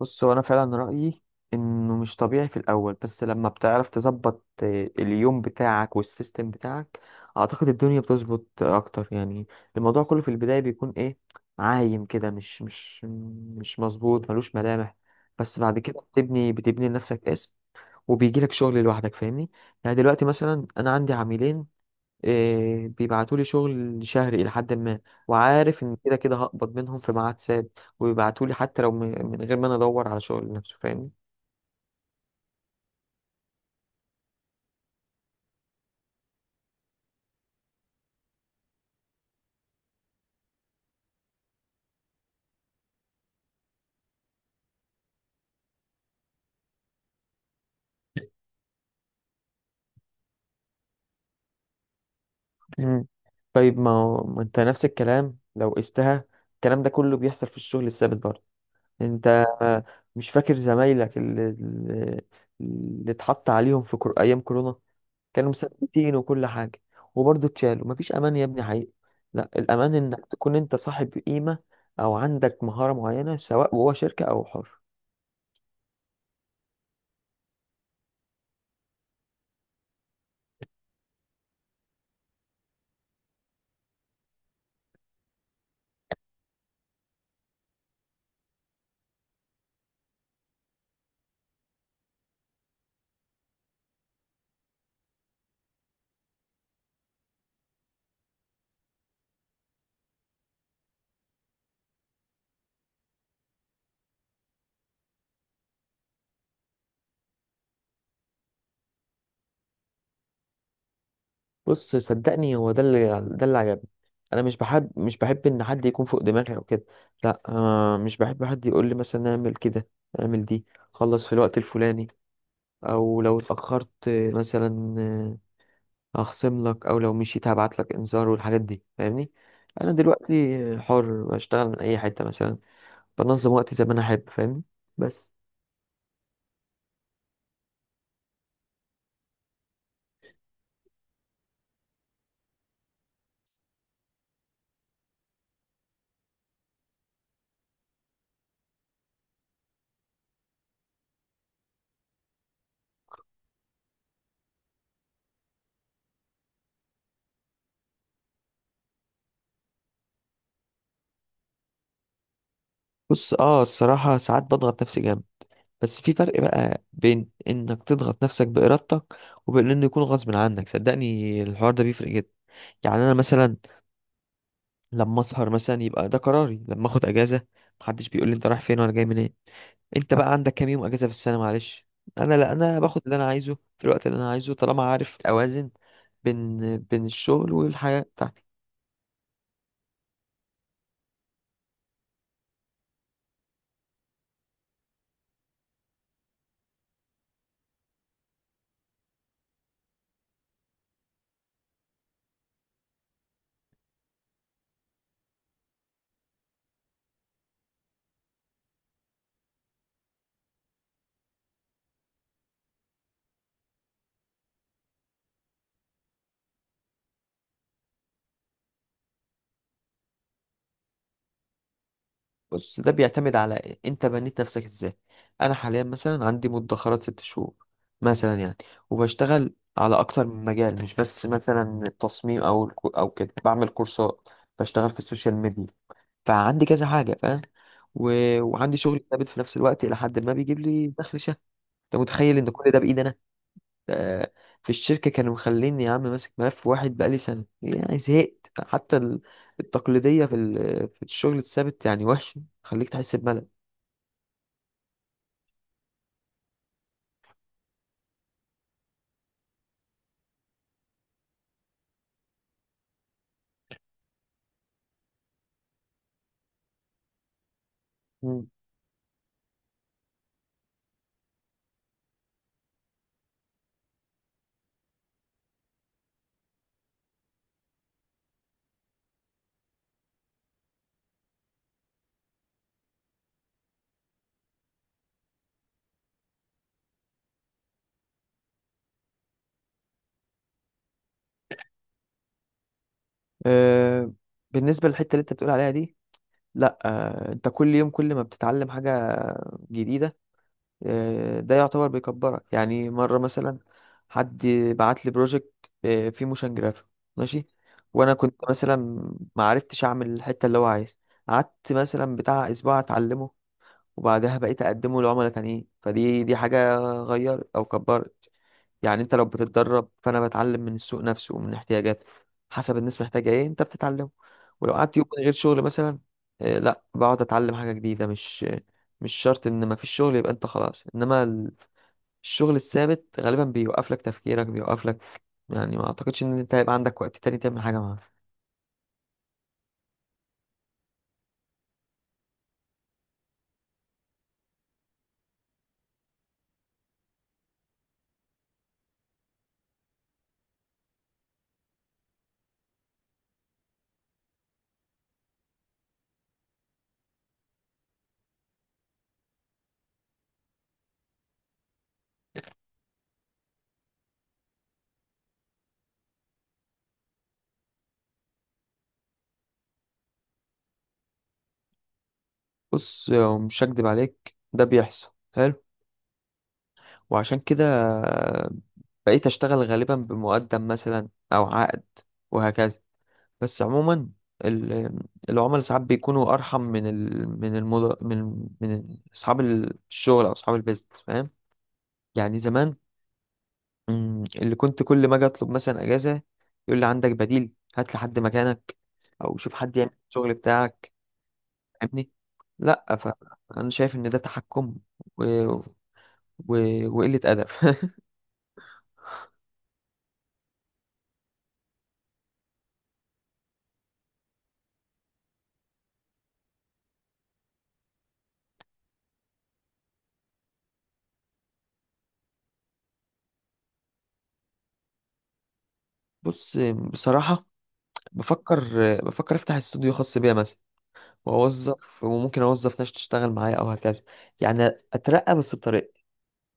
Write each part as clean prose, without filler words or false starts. بص، هو انا فعلا رايي انه مش طبيعي في الاول، بس لما بتعرف تظبط اليوم بتاعك والسيستم بتاعك، اعتقد الدنيا بتظبط اكتر يعني. الموضوع كله في البدايه بيكون ايه، عايم كده، مش مظبوط، ملوش ملامح. بس بعد كده بتبني بتبني لنفسك اسم، وبيجيلك شغل لوحدك، فاهمني؟ يعني دلوقتي مثلا انا عندي عميلين، إيه، بيبعتولي شغل شهري إلى حد ما، وعارف إن كده كده هقبض منهم في ميعاد ثابت، وبيبعتولي حتى لو من غير ما أنا أدور على شغل نفسه، فاهمني؟ مم. طيب ما أنت نفس الكلام لو قستها، الكلام ده كله بيحصل في الشغل الثابت برضه. أنت آه، مش فاكر زمايلك اللي اتحط عليهم في أيام كورونا؟ كانوا مثبتين وكل حاجة وبرضه اتشالوا، مفيش أمان يا ابني حقيقي. لا، الأمان إنك تكون أنت صاحب قيمة أو عندك مهارة معينة، سواء جوه شركة أو حر. بص صدقني، هو ده اللي، ده اللي عجبني. أنا مش بحب، إن حد يكون فوق دماغي أو كده. لا مش بحب حد يقول لي مثلا اعمل كده، اعمل دي، خلص في الوقت الفلاني، أو لو اتأخرت مثلا هخصم لك، أو لو مشيت هبعت لك إنذار والحاجات دي، فاهمني؟ أنا دلوقتي حر، بشتغل من أي حتة مثلا، بنظم وقتي زي ما انا احب، فاهمني؟ بس. بص الصراحة ساعات بضغط نفسي جامد، بس في فرق بقى بين انك تضغط نفسك بإرادتك وبين انه يكون غصب عنك. صدقني الحوار ده بيفرق جدا. يعني انا مثلا لما اسهر مثلا يبقى ده قراري، لما اخد اجازة محدش بيقول لي انت رايح فين ولا جاي منين، انت بقى عندك كام يوم اجازة في السنة معلش. انا لا، انا باخد اللي انا عايزه في الوقت اللي انا عايزه، طالما عارف اوازن بين الشغل والحياة بتاعتي. بص ده بيعتمد على انت بنيت نفسك ازاي. انا حاليا مثلا عندي مدخرات ست شهور مثلا يعني، وبشتغل على اكتر من مجال، مش بس مثلا التصميم او او كده، بعمل كورسات، بشتغل في السوشيال ميديا، فعندي كذا حاجه، فاهم؟ و... وعندي شغل ثابت في نفس الوقت الى حد ما، بيجيب لي دخل شهري. انت متخيل ان كل ده بايدي انا؟ ده في الشركه كانوا مخليني يا عم ماسك ملف واحد بقالي سنه، يعني زهقت. حتى التقليديه في الشغل الثابت يعني وحش، خليك تحس بملل. مم. آه، بالنسبة للحتة اللي انت بتقول عليها دي، لا انت كل يوم كل ما بتتعلم حاجة جديدة ده يعتبر بيكبرك. يعني مرة مثلا حد بعت لي بروجكت فيه موشن جرافيك، ماشي، وانا كنت مثلا ما عرفتش اعمل الحتة اللي هو عايز، قعدت مثلا بتاع اسبوع اتعلمه، وبعدها بقيت اقدمه لعملاء تانيين. فدي دي حاجة غيرت او كبرت. يعني انت لو بتتدرب، فانا بتعلم من السوق نفسه ومن احتياجاته، حسب الناس محتاجه ايه انت بتتعلمه. ولو قعدت يوم من غير شغل مثلا، لا بقعد اتعلم حاجه جديده. مش شرط ان ما فيش شغل يبقى انت خلاص، انما الشغل الثابت غالبا بيوقف لك تفكيرك، بيوقف لك يعني، ما اعتقدش ان انت هيبقى عندك وقت تاني تعمل حاجه معاه. بص مش هكدب عليك، ده بيحصل. حلو. وعشان كده آه، بقيت اشتغل غالبا بمقدم مثلا او عقد، وهكذا. بس عموما ال- العملاء ساعات بيكونوا ارحم من ال... من المد... من من اصحاب الشغل او اصحاب البيزنس، فاهم؟ يعني زمان، مم، اللي كنت كل ما اجي اطلب مثلا اجازه يقول لي عندك بديل، هات لي حد مكانك، او شوف حد يعمل الشغل بتاعك، فاهمني؟ لا. فانا شايف ان ده تحكم و... و... وقله ادب بص، بصراحه، بفكر، بفكر افتح استوديو خاص بيا مثلا، واوظف، وممكن اوظف ناس تشتغل معايا او هكذا. يعني اترقى بس بطريقة،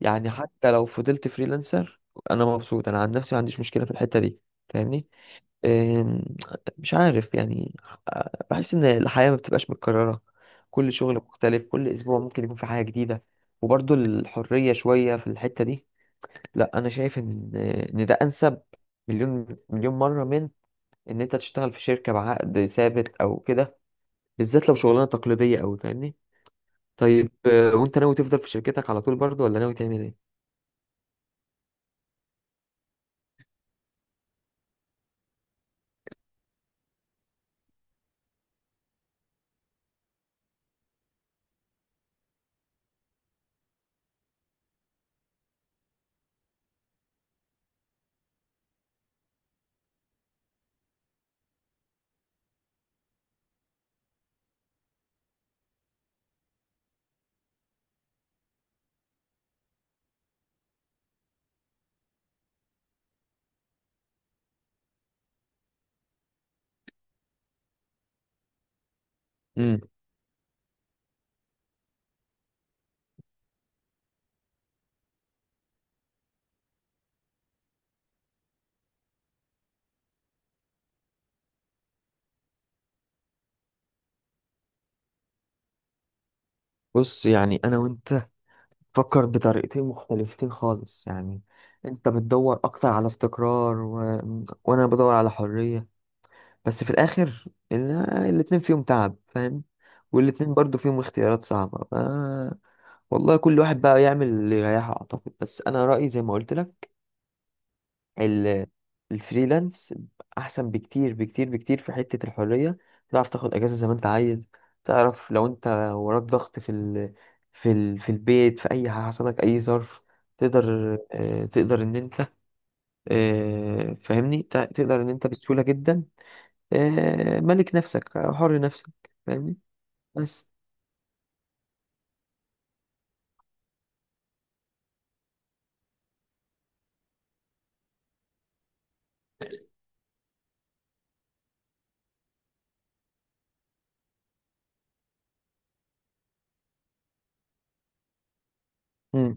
يعني حتى لو فضلت فريلانسر، انا مبسوط انا عن نفسي، ما عنديش مشكلة في الحتة دي، فاهمني؟ أم، مش عارف يعني، بحس ان الحياة ما بتبقاش متكررة. كل شغل مختلف، كل اسبوع ممكن يكون في حاجة جديدة، وبرضو الحرية شوية في الحتة دي. لا، انا شايف ان ده انسب مليون مليون مرة من ان انت تشتغل في شركة بعقد ثابت او كده، بالذات لو شغلانة تقليدية أوي، فاهمني؟ طيب وانت ناوي تفضل في شركتك على طول برضه، ولا ناوي تعمل ايه؟ امم بص، يعني انا وانت فكر بطريقتين مختلفتين خالص يعني، انت بتدور اكتر على استقرار، و... وانا بدور على حرية. بس في الاخر ال- الاتنين فيهم تعب، فاهم؟ والاتنين برضو فيهم اختيارات صعبة. ف... والله كل واحد بقى يعمل اللي يريحه اعتقد، بس انا رأيي زي ما قلت لك، ال- الفريلانس احسن بكتير بكتير بكتير في حتة الحرية. تعرف تاخد اجازة زي ما انت عايز، تعرف لو انت وراك ضغط في البيت، في اي حاجة حصلك اي ظرف، تقدر تقدر ان انت فاهمني، تقدر ان انت بسهولة جدا ملك نفسك، حر نفسك، فاهمني؟ بس. مم.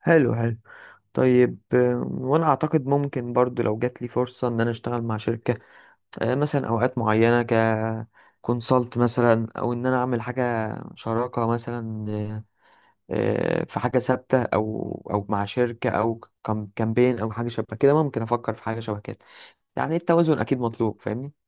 حلو حلو. طيب وانا اعتقد ممكن برضو لو جات لي فرصة ان انا اشتغل مع شركة مثلا اوقات معينه، كونسلت مثلا، او ان انا اعمل حاجه شراكه مثلا، في حاجه ثابته او مع شركه، او كامبين، او حاجه شبه كده، ممكن افكر في حاجه شبه كده يعني. التوازن اكيد مطلوب، فاهمني؟